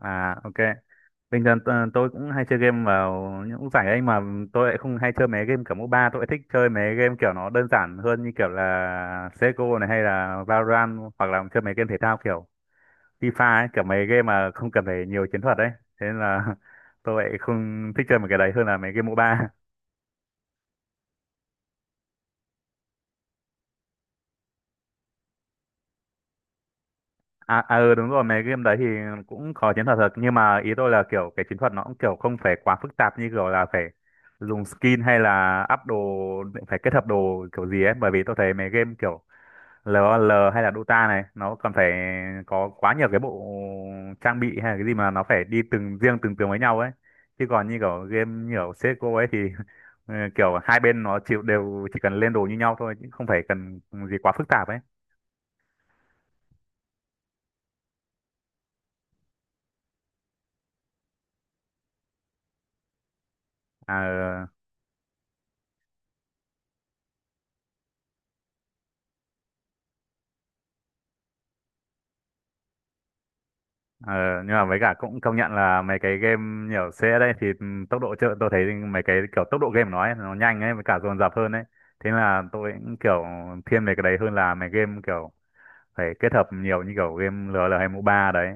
À, ok. Bình thường tôi cũng hay chơi game vào những giải ấy, mà tôi lại không hay chơi mấy game kiểu MOBA. Tôi lại thích chơi mấy game kiểu nó đơn giản hơn, như kiểu là CS:GO này hay là Valorant, hoặc là chơi mấy game thể thao kiểu FIFA ấy, kiểu mấy game mà không cần phải nhiều chiến thuật ấy. Thế nên là tôi lại không thích chơi mấy cái đấy hơn là mấy game MOBA. Ừ, đúng rồi, mấy game đấy thì cũng có chiến thuật thật, nhưng mà ý tôi là kiểu cái chiến thuật nó cũng kiểu không phải quá phức tạp, như kiểu là phải dùng skin hay là up đồ, phải kết hợp đồ kiểu gì ấy, bởi vì tôi thấy mấy game kiểu lờ o lờ hay là Dota này nó còn phải có quá nhiều cái bộ trang bị hay là cái gì mà nó phải đi từng riêng từng tướng với nhau ấy, chứ còn như kiểu game như kiểu CSGO ấy thì ừ, kiểu hai bên nó chịu đều, chỉ cần lên đồ như nhau thôi chứ không phải cần gì quá phức tạp ấy. À, ừ. Ờ, nhưng mà với cả cũng công nhận là mấy cái game nhiều xe đây thì tốc độ chơi tôi thấy mấy cái kiểu tốc độ game của nó ấy, nó nhanh ấy, với cả dồn dập hơn ấy. Thế là tôi cũng kiểu thiên về cái đấy hơn là mấy game kiểu phải kết hợp nhiều như kiểu game LOL hay MOBA đấy.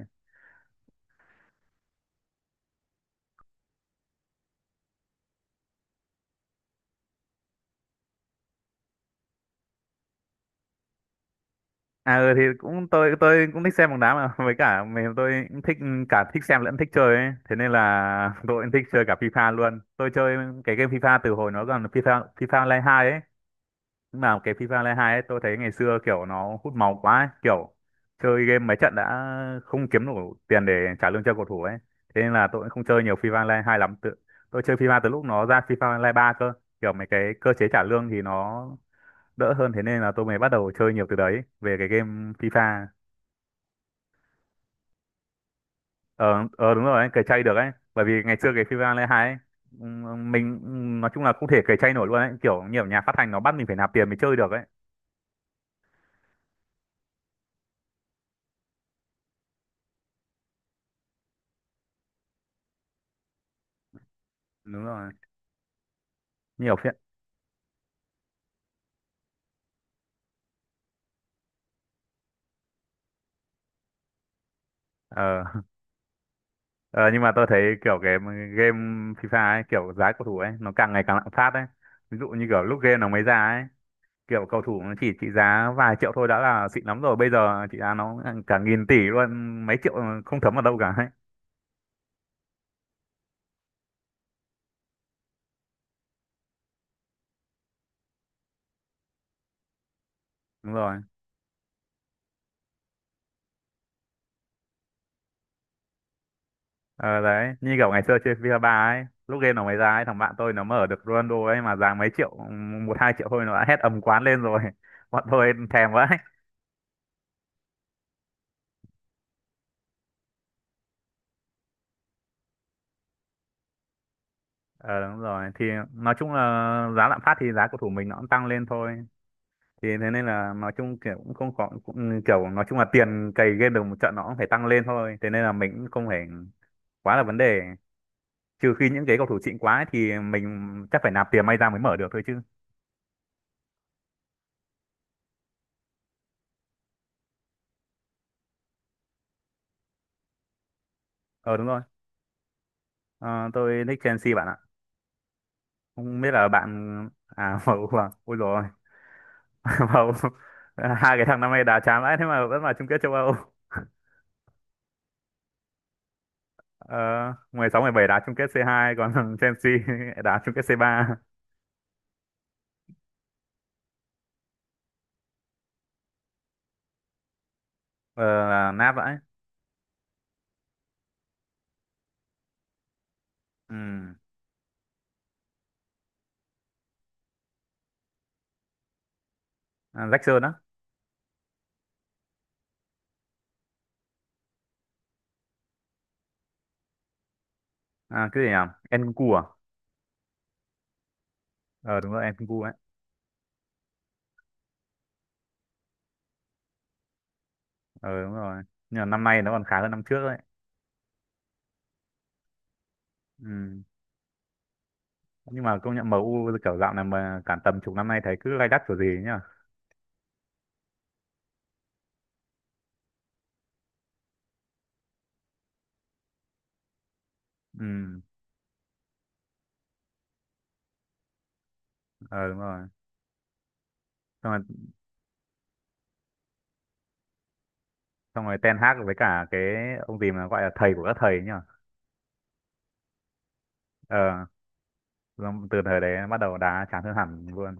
À, ừ, thì cũng tôi cũng thích xem bóng đá mà với cả mình tôi cũng thích, cả thích xem lẫn thích chơi ấy. Thế nên là tôi cũng thích chơi cả FIFA luôn. Tôi chơi cái game FIFA từ hồi nó còn FIFA FIFA Online 2 ấy. Nhưng mà cái FIFA Online 2 ấy, tôi thấy ngày xưa kiểu nó hút máu quá ấy. Kiểu chơi game mấy trận đã không kiếm đủ tiền để trả lương cho cầu thủ ấy. Thế nên là tôi cũng không chơi nhiều FIFA Online 2 lắm. Tôi chơi FIFA từ lúc nó ra FIFA Online 3 cơ. Kiểu mấy cái cơ chế trả lương thì nó đỡ hơn. Thế nên là tôi mới bắt đầu chơi nhiều từ đấy về cái game FIFA. Ờ, ờ, đúng rồi, ấy, cày chay được ấy. Bởi vì ngày xưa cái FIFA Online 2 ấy, mình nói chung là không thể cày chay nổi luôn ấy. Kiểu nhiều nhà phát hành nó bắt mình phải nạp tiền mới chơi được ấy. Đúng rồi, nhiều phiện. Ờ. Ờ, nhưng mà tôi thấy kiểu cái game FIFA ấy, kiểu giá cầu thủ ấy, nó càng ngày càng lạm phát ấy. Ví dụ như kiểu lúc game nó mới ra ấy, kiểu cầu thủ nó chỉ trị giá vài triệu thôi đã là xịn lắm rồi. Bây giờ trị giá nó cả nghìn tỷ luôn, mấy triệu không thấm vào đâu cả ấy. Đúng rồi. Ờ, đấy, như kiểu ngày xưa chơi FIFA 3 ấy, lúc game nó mới ra ấy, thằng bạn tôi nó mở được Ronaldo ấy mà giá mấy triệu, một hai triệu thôi, nó đã hét ầm quán lên rồi. Bọn tôi thèm quá ấy. Ờ, đúng rồi, thì nói chung là giá lạm phát thì giá cầu thủ mình nó cũng tăng lên thôi, thì thế nên là nói chung kiểu cũng không có, cũng kiểu nói chung là tiền cày game được một trận nó cũng phải tăng lên thôi, thế nên là mình cũng không phải quá là vấn đề, trừ khi những cái cầu thủ xịn quá ấy thì mình chắc phải nạp tiền may ra mới mở được thôi chứ. Ờ, đúng rồi. Ờ, tôi thích Chelsea bạn ạ, không biết là bạn. À, MU à, ôi rồi. MU, hai cái thằng năm nay đá chán vãi thế mà vẫn vào chung kết châu Âu. Ờ, 16 bảy đá chung kết c hai, còn thằng Chelsea đá chung kết c ba. Ờ, là nát vãi. Ừ. À, Jackson á. À, cái gì à? Enku à? Ờ, đúng rồi, Enku ấy. Ờ, đúng rồi. Nhưng mà năm nay nó còn khá hơn năm trước đấy. Ừ. Nhưng mà công nhận MU kiểu dạo này mà cả tầm chục năm nay thấy cứ lay đắt kiểu gì ấy nhá. Ừ. Ờ, đúng rồi. Xong rồi, xong rồi Ten Hag với cả cái ông gì mà gọi là thầy của các thầy ấy nhá. Ờ, xong từ thời đấy bắt đầu đá chán hơn hẳn luôn.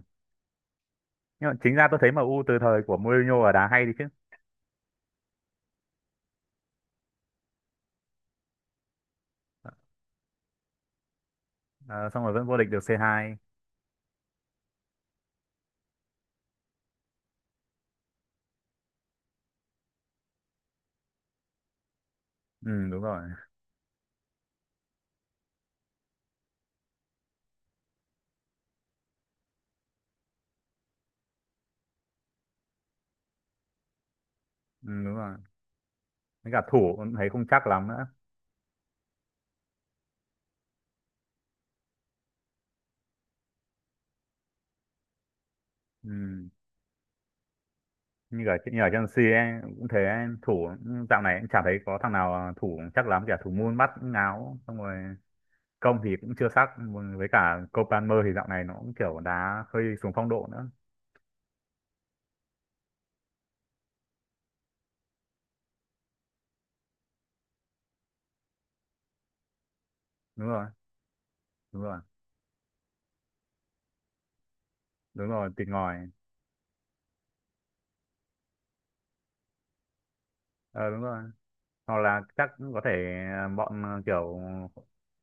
Nhưng mà chính ra tôi thấy em U từ thời của Mourinho là đá hay đi chứ. Ờ, xong rồi vẫn vô địch được C2. Ừ, đúng rồi. Ừ, đúng rồi. Với cả thủ cũng thấy không chắc lắm nữa. Ừ. Như ở Chelsea ấy cũng thế ấy, thủ dạo này cũng chả thấy có thằng nào, à, thủ chắc lắm, cả thủ môn bắt cũng ngáo, xong rồi công thì cũng chưa sắc, với cả copanmer thì dạo này nó cũng kiểu đá hơi xuống phong độ nữa. Đúng rồi, đúng rồi, đúng rồi, tịt ngòi. Ờ, đúng rồi, hoặc là chắc cũng có thể, à, kiểu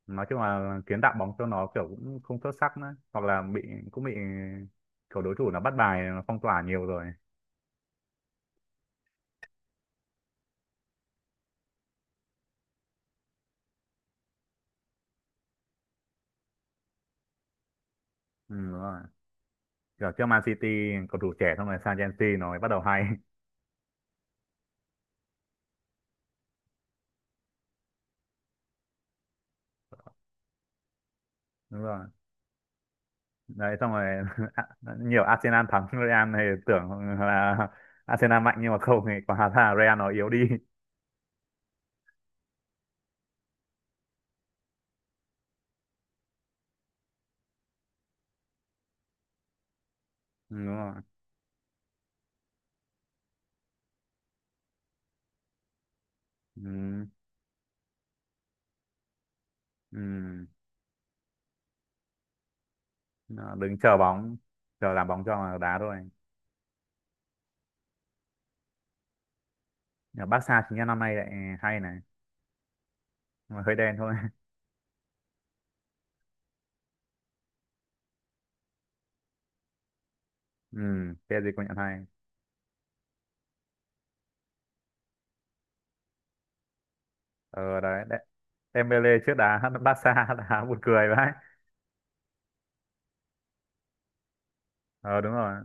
nói chung là kiến tạo bóng cho nó kiểu cũng không xuất sắc nữa, hoặc là bị, cũng bị kiểu đối thủ nó bắt bài, nó phong tỏa nhiều rồi. Ừ, đúng rồi, kiểu trước Man City cầu thủ trẻ, xong rồi sang Chelsea nó mới bắt đầu hay. Đúng rồi, đấy, xong rồi nhiều Arsenal thắng Real thì tưởng là Arsenal mạnh, nhưng mà không, thì quả ra là Real nó yếu đi. Ừ, đúng rồi, ừ, ừ. Nó đứng chờ bóng, chờ làm bóng cho mà đá thôi. Ở Barca chính là năm nay lại hay này, nhưng mà hơi đen thôi. Ừ, PSG công nhận hay. Ờ, đấy, đấy. Dembele trước đá Barca đá buồn cười vậy. Ờ, đúng rồi.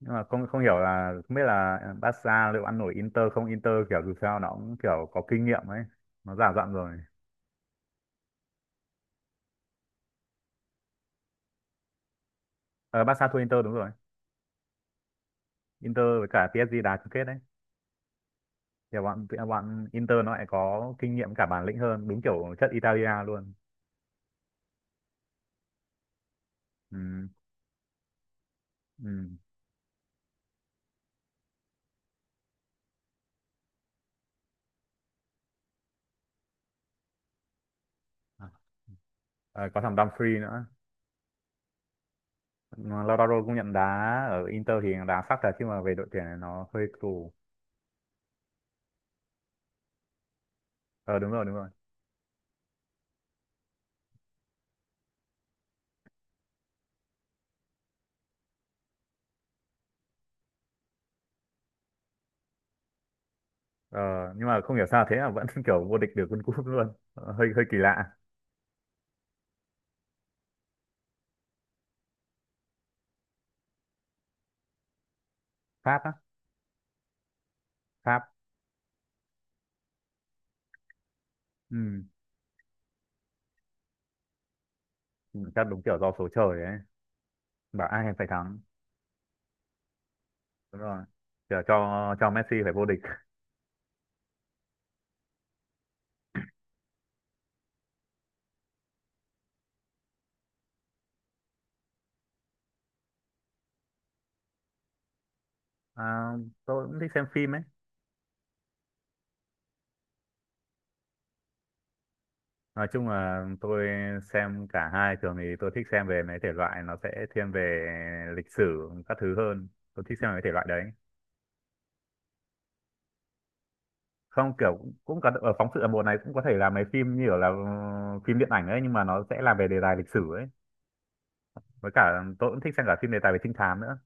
Nhưng mà không không hiểu là không biết là Barca liệu ăn nổi Inter không. Inter kiểu dù sao nó cũng kiểu có kinh nghiệm ấy, nó già dặn rồi. Ờ, Barca thua Inter đúng rồi. Inter với cả PSG đá chung kết đấy. Thì bọn bọn Inter nó lại có kinh nghiệm, cả bản lĩnh hơn, đúng kiểu chất Italia luôn. Ừ, ừ. Ờ, có thằng Dumfries nữa. Mà Lautaro cũng nhận đá ở Inter thì đá sắc thật, chứ mà về đội tuyển này nó hơi tù. Ờ, đúng rồi, đúng rồi. Ờ, nhưng mà không hiểu sao thế mà vẫn kiểu vô địch được World Cup luôn. Ờ, hơi hơi kỳ lạ. Pháp á. Pháp. Ừ, ừ, chắc đúng kiểu do số trời ấy, bảo ai phải thắng. Đúng rồi, kiểu cho Messi phải vô địch. À, tôi cũng thích xem phim ấy. Nói chung là tôi xem cả hai. Thường thì tôi thích xem về mấy thể loại nó sẽ thiên về lịch sử các thứ hơn, tôi thích xem mấy thể loại đấy. Không, kiểu cũng có ở phóng sự, ở mùa này cũng có thể làm mấy phim như kiểu là phim điện ảnh ấy, nhưng mà nó sẽ là về đề tài lịch sử ấy. Với cả tôi cũng thích xem cả phim đề tài về trinh thám nữa.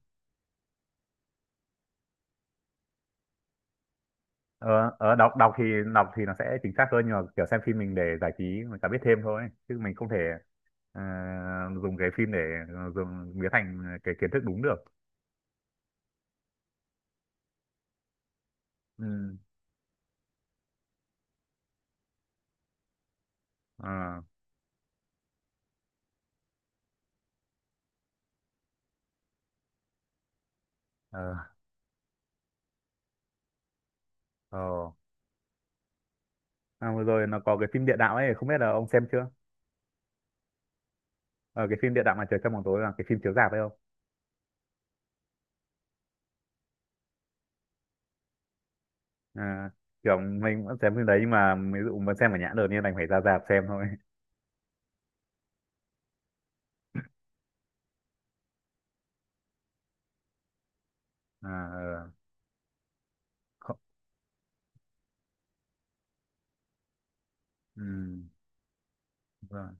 Ờ, ờ, đọc đọc thì nó sẽ chính xác hơn, nhưng mà kiểu xem phim mình để giải trí, mình cả biết thêm thôi, chứ mình không thể, ờ, dùng cái phim để dùng biến thành cái kiến thức đúng được. Ừ. Ờ, ờ, ờ. À, vừa rồi nó có cái phim địa đạo ấy, không biết là ông xem chưa. Ờ, cái phim địa đạo mà trời trong bóng tối là cái phim chiếu rạp ấy không? À, kiểu mình vẫn xem phim đấy, nhưng mà ví dụ mà xem ở nhãn được nên đành phải ra rạp xem thôi. À, ờ. Không- ừ. Vâng.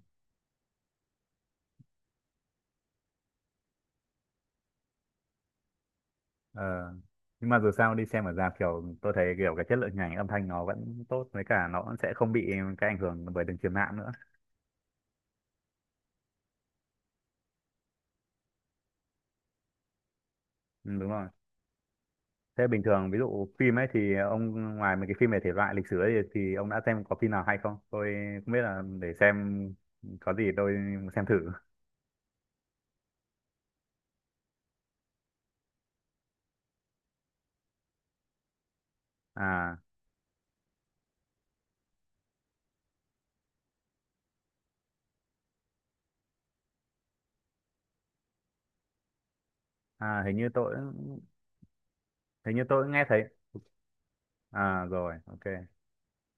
Ờ. Nhưng mà dù sao đi xem ở rạp kiểu tôi thấy kiểu cái chất lượng hình ảnh âm thanh nó vẫn tốt, với cả nó vẫn sẽ không bị cái ảnh hưởng bởi đường truyền mạng nữa. Ừ, đúng rồi. Thế bình thường ví dụ phim ấy thì ông, ngoài mấy cái phim về thể loại lịch sử ấy, thì ông đã xem có phim nào hay không? Tôi không biết, là để xem có gì tôi xem thử. À, hình như tôi nghe thấy. À rồi, ok.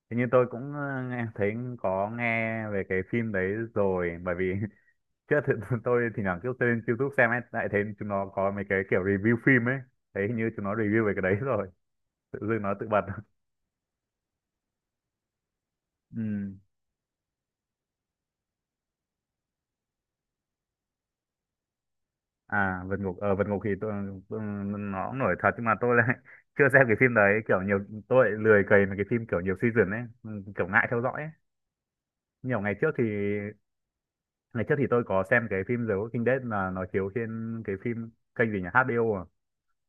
Hình như tôi cũng nghe thấy, có nghe về cái phim đấy rồi bởi vì. Chứ thì, tôi thì thoảng cứ lên YouTube xem ấy, lại thấy chúng nó có mấy cái kiểu review phim ấy. Thấy hình như chúng nó review về cái đấy rồi. Tự dưng nó tự bật. Ừ. À, Vượt Ngục, ở Vượt Ngục thì tôi, nó cũng nổi thật, nhưng mà tôi lại chưa xem cái phim đấy. Tôi lại lười cày mấy cái phim kiểu nhiều season ấy. Ừ, kiểu ngại theo dõi ấy. Nhiều ngày trước thì tôi có xem cái phim The Walking Dead, là nó chiếu trên cái phim kênh gì nhỉ? HBO à.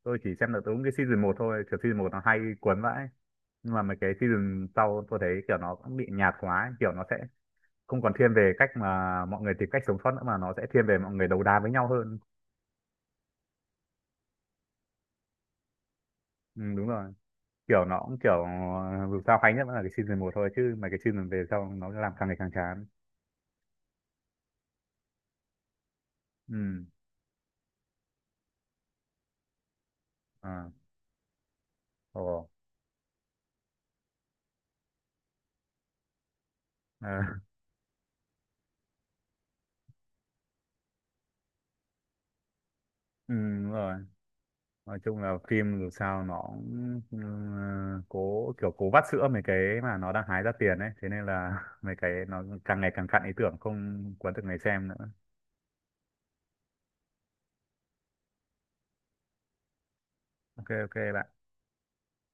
Tôi chỉ xem được đúng cái season một thôi. Kiểu season một nó hay cuốn vãi. Nhưng mà mấy cái season sau tôi thấy kiểu nó cũng bị nhạt quá ấy. Kiểu nó sẽ không còn thiên về cách mà mọi người tìm cách sống sót nữa, mà nó sẽ thiên về mọi người đấu đá với nhau hơn. Ừ, đúng rồi, kiểu nó cũng kiểu, dù sao hay nhất vẫn là cái season một thôi, chứ mấy cái season về sau nó làm càng ngày càng chán. Ừ. À. Ồ. À. Ừ, đúng rồi, nói chung là phim dù sao nó cũng, cố kiểu cố vắt sữa mấy cái mà nó đang hái ra tiền ấy, thế nên là mấy cái nó càng ngày càng cạn ý tưởng, không cuốn được người xem nữa. Ok, ok bạn.